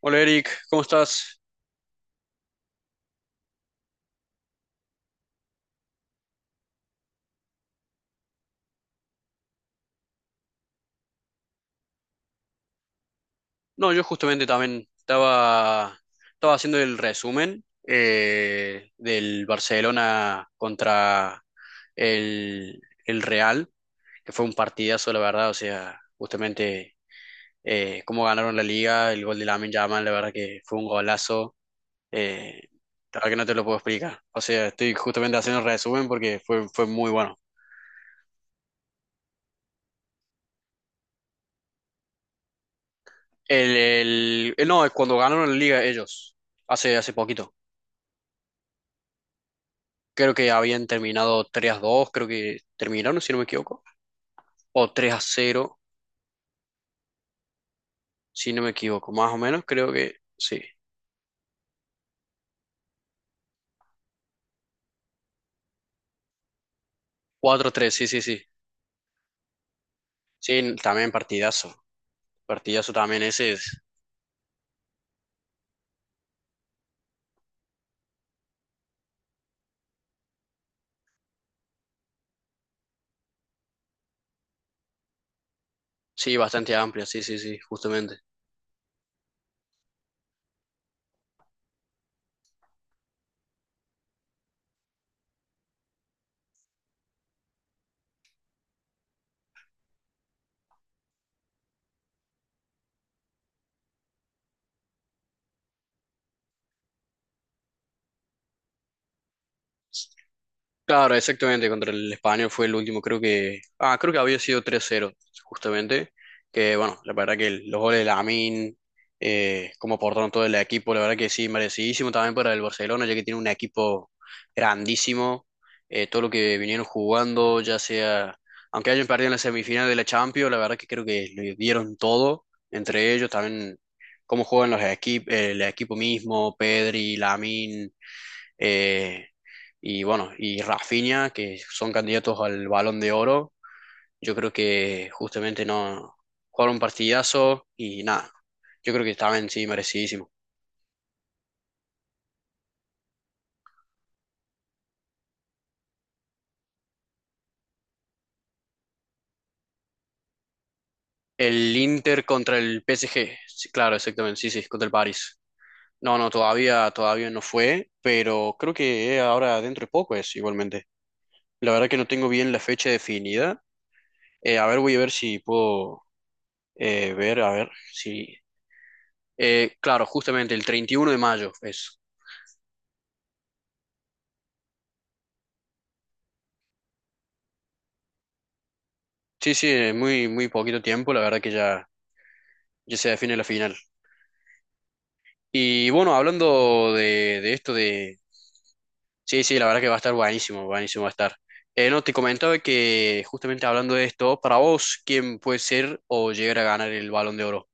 Hola Eric, ¿cómo estás? No, yo justamente también estaba haciendo el resumen del Barcelona contra el Real, que fue un partidazo, la verdad, o sea, justamente cómo ganaron la liga, el gol de Lamine Yamal, la verdad que fue un golazo, eh, la verdad que no te lo puedo explicar, o sea, estoy justamente haciendo el resumen porque fue muy bueno. No, es cuando ganaron la liga ellos, hace poquito. Creo que habían terminado 3-2, creo que terminaron, si no me equivoco. O 3-0, si no me equivoco. Más o menos, creo que sí. Cuatro a 3, sí, sí, sí. Sí, también partidazo. Partidazo también ese es. Sí, bastante amplio, sí, sí, sí, justamente. Claro, exactamente, contra el España fue el último, creo que, ah, creo que había sido 3-0, justamente, que bueno, la verdad que los goles de Lamin, cómo aportaron todo el equipo, la verdad que sí, merecidísimo también para el Barcelona, ya que tiene un equipo grandísimo, todo lo que vinieron jugando, ya sea, aunque hayan perdido en la semifinal de la Champions, la verdad que creo que le dieron todo, entre ellos también cómo juegan los equipos, el equipo mismo, Pedri, Lamin, eh, y bueno, y Rafinha, que son candidatos al Balón de Oro. Yo creo que justamente no jugaron un partidazo y nada. Yo creo que también sí merecidísimo. El Inter contra el PSG. Sí, claro, exactamente. Sí, sí, contra el París. No, no, todavía no fue, pero creo que ahora dentro de poco es igualmente. La verdad que no tengo bien la fecha definida. A ver, voy a ver si puedo ver, a ver si. Claro, justamente el 31 de mayo es. Sí, sí, en muy, muy poquito tiempo, la verdad que ya, ya se define la final. Y bueno, hablando de esto de... Sí, sí, la verdad que va a estar buenísimo, buenísimo va a estar. No, te comentaba que justamente hablando de esto, para vos, ¿quién puede ser o llegar a ganar el Balón de Oro?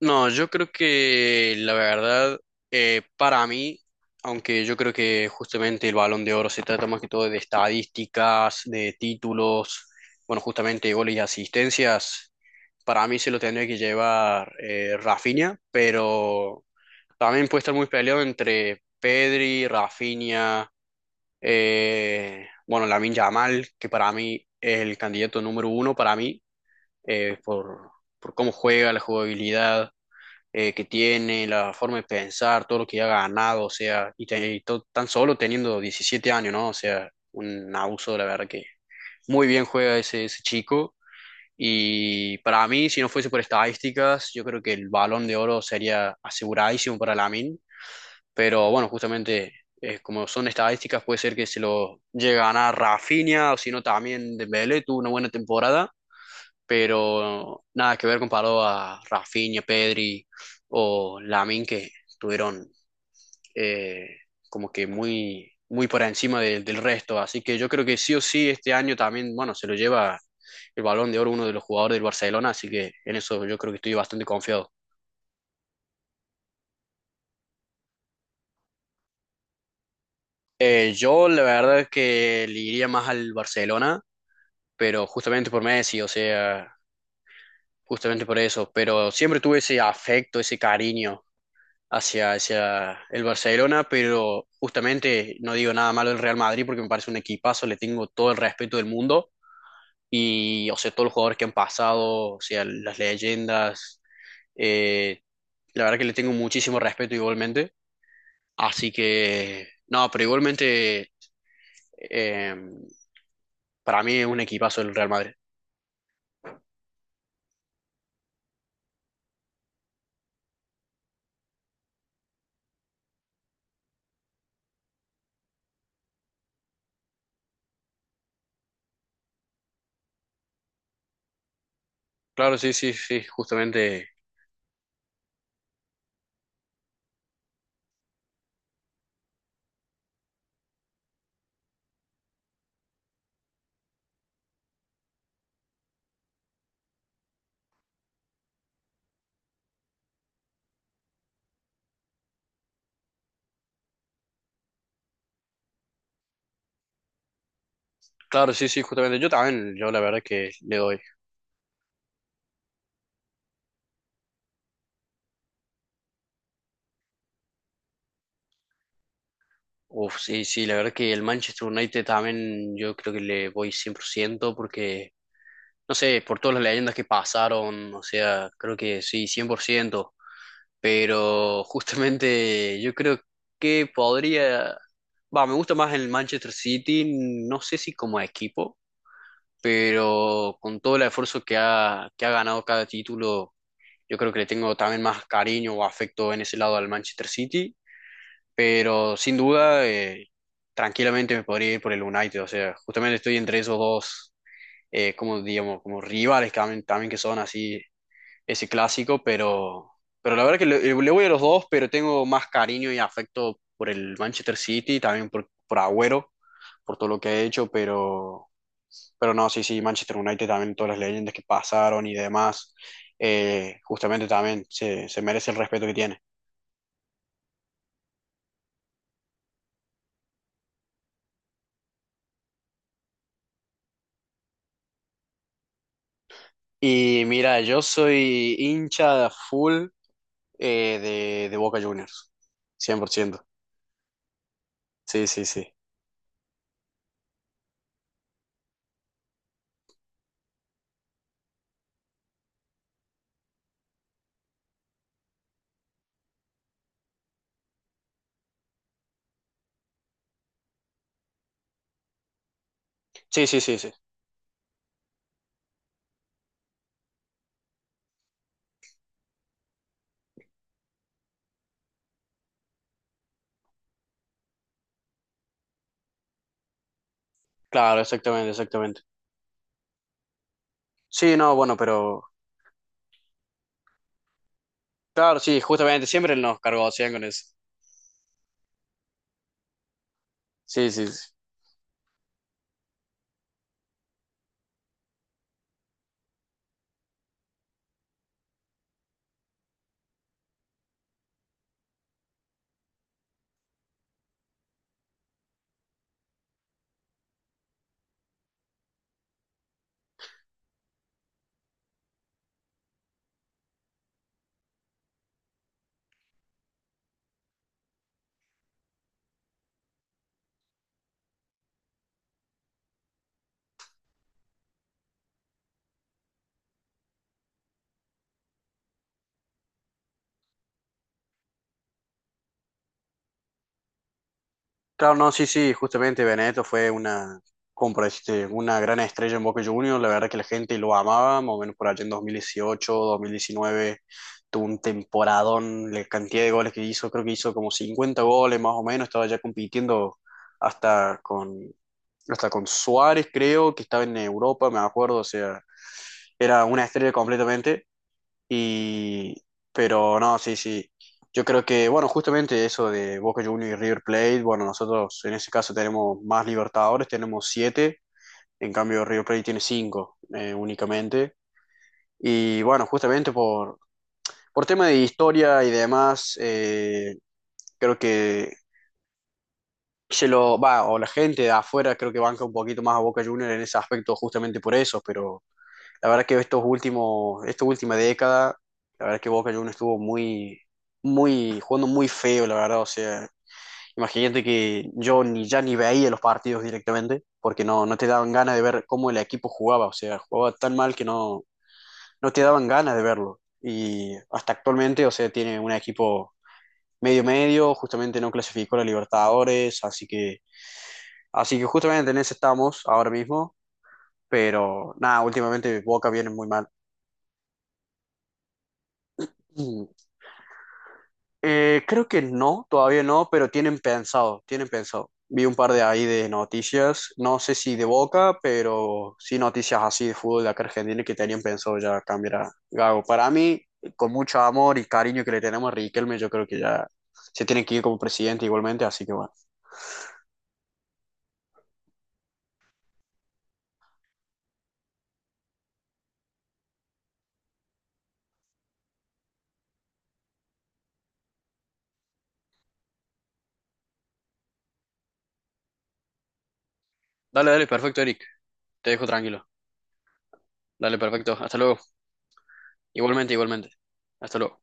No, yo creo que la verdad, para mí, aunque yo creo que justamente el Balón de Oro se trata más que todo de estadísticas, de títulos, bueno, justamente goles y asistencias. Para mí se lo tendría que llevar Rafinha, pero también puede estar muy peleado entre Pedri, Rafinha, bueno, Lamine Yamal, que para mí es el candidato número uno, para mí, eh, por, por cómo juega, la jugabilidad que tiene, la forma de pensar, todo lo que ha ganado, o sea, tan solo teniendo 17 años, ¿no? O sea, un abuso, la verdad que muy bien juega ese chico. Y para mí, si no fuese por estadísticas, yo creo que el Balón de Oro sería aseguradísimo para Lamine. Pero bueno, justamente como son estadísticas, puede ser que se lo llegue a ganar Rafinha o si no también Dembélé, tuvo una buena temporada, pero nada que ver comparado a Rafinha, Pedri o Lamine que tuvieron eh, como que muy, muy por encima del resto. Así que yo creo que sí o sí este año también, bueno, se lo lleva el Balón de Oro uno de los jugadores del Barcelona, así que en eso yo creo que estoy bastante confiado. Yo la verdad es que le iría más al Barcelona, pero justamente por Messi, o sea, justamente por eso, pero siempre tuve ese afecto, ese cariño hacia el Barcelona, pero justamente no digo nada malo del Real Madrid porque me parece un equipazo, le tengo todo el respeto del mundo. Y, o sea, todos los jugadores que han pasado, o sea, las leyendas. eh, la verdad que le tengo muchísimo respeto igualmente. Así que, no, pero igualmente, eh, para mí es un equipazo el Real Madrid. Claro, sí, sí, sí, justamente. Claro, sí, sí, justamente. Yo también, yo la verdad que le doy. Uf, sí, sí, la verdad que el Manchester United también yo creo que le voy 100% porque no sé, por todas las leyendas que pasaron, o sea, creo que sí, 100%, pero justamente yo creo que podría, va, me gusta más el Manchester City, no sé si como equipo, pero con todo el esfuerzo que ha ganado cada título, yo creo que le tengo también más cariño o afecto en ese lado al Manchester City, pero sin duda, tranquilamente me podría ir por el United, o sea, justamente estoy entre esos dos como digamos, como rivales también, que son así, ese clásico, pero la verdad que le voy a los dos, pero tengo más cariño y afecto por el Manchester City, también por Agüero, por todo lo que ha hecho, pero no, sí, sí, Manchester United también, todas las leyendas que pasaron y demás, justamente también se merece el respeto que tiene. Y mira, yo soy hincha full de Boca Juniors, 100%. Sí, sí, sí. Sí, sí, sí, sí. Claro, exactamente, exactamente. Sí, no, bueno, pero claro, sí, justamente siempre nos cargó hacían con eso. Sí, sí, sí. Claro, no, sí, sí, justamente Benedetto fue una, como por decirte, una gran estrella en Boca Juniors, la verdad que la gente lo amaba, más o menos por allá en 2018, 2019, tuvo un temporadón, la cantidad de goles que hizo, creo que hizo como 50 goles más o menos, estaba ya compitiendo hasta con, hasta con Suárez, creo, que estaba en Europa, me acuerdo, o sea, era una estrella completamente. Y, pero no, sí, sí. Yo creo que, bueno, justamente eso de Boca Juniors y River Plate, bueno, nosotros en ese caso tenemos más Libertadores, tenemos siete, en cambio River Plate tiene cinco únicamente. Y bueno, justamente por tema de historia y demás, creo que se lo va, o la gente de afuera creo que banca un poquito más a Boca Juniors en ese aspecto justamente por eso, pero la verdad que estos últimos, esta última década, la verdad que Boca Juniors estuvo muy, muy, jugando muy feo, la verdad. O sea, imagínate que yo ni ya ni veía los partidos directamente, porque no, no te daban ganas de ver cómo el equipo jugaba. O sea, jugaba tan mal que no, no te daban ganas de verlo. Y hasta actualmente, o sea, tiene un equipo medio medio, justamente no clasificó a la Libertadores, así que justamente en eso estamos ahora mismo. Pero nada, últimamente Boca viene muy mal. Creo que no, todavía no, pero tienen pensado, tienen pensado. Vi un par de ahí de noticias, no sé si de Boca, pero sí noticias así de fútbol de acá Argentina que tenían pensado ya cambiar a Gago. Para mí, con mucho amor y cariño que le tenemos a Riquelme, yo creo que ya se tiene que ir como presidente igualmente, así que bueno. Dale, dale, perfecto, Eric. Te dejo tranquilo. Dale, perfecto. Hasta luego. Igualmente, igualmente. Hasta luego.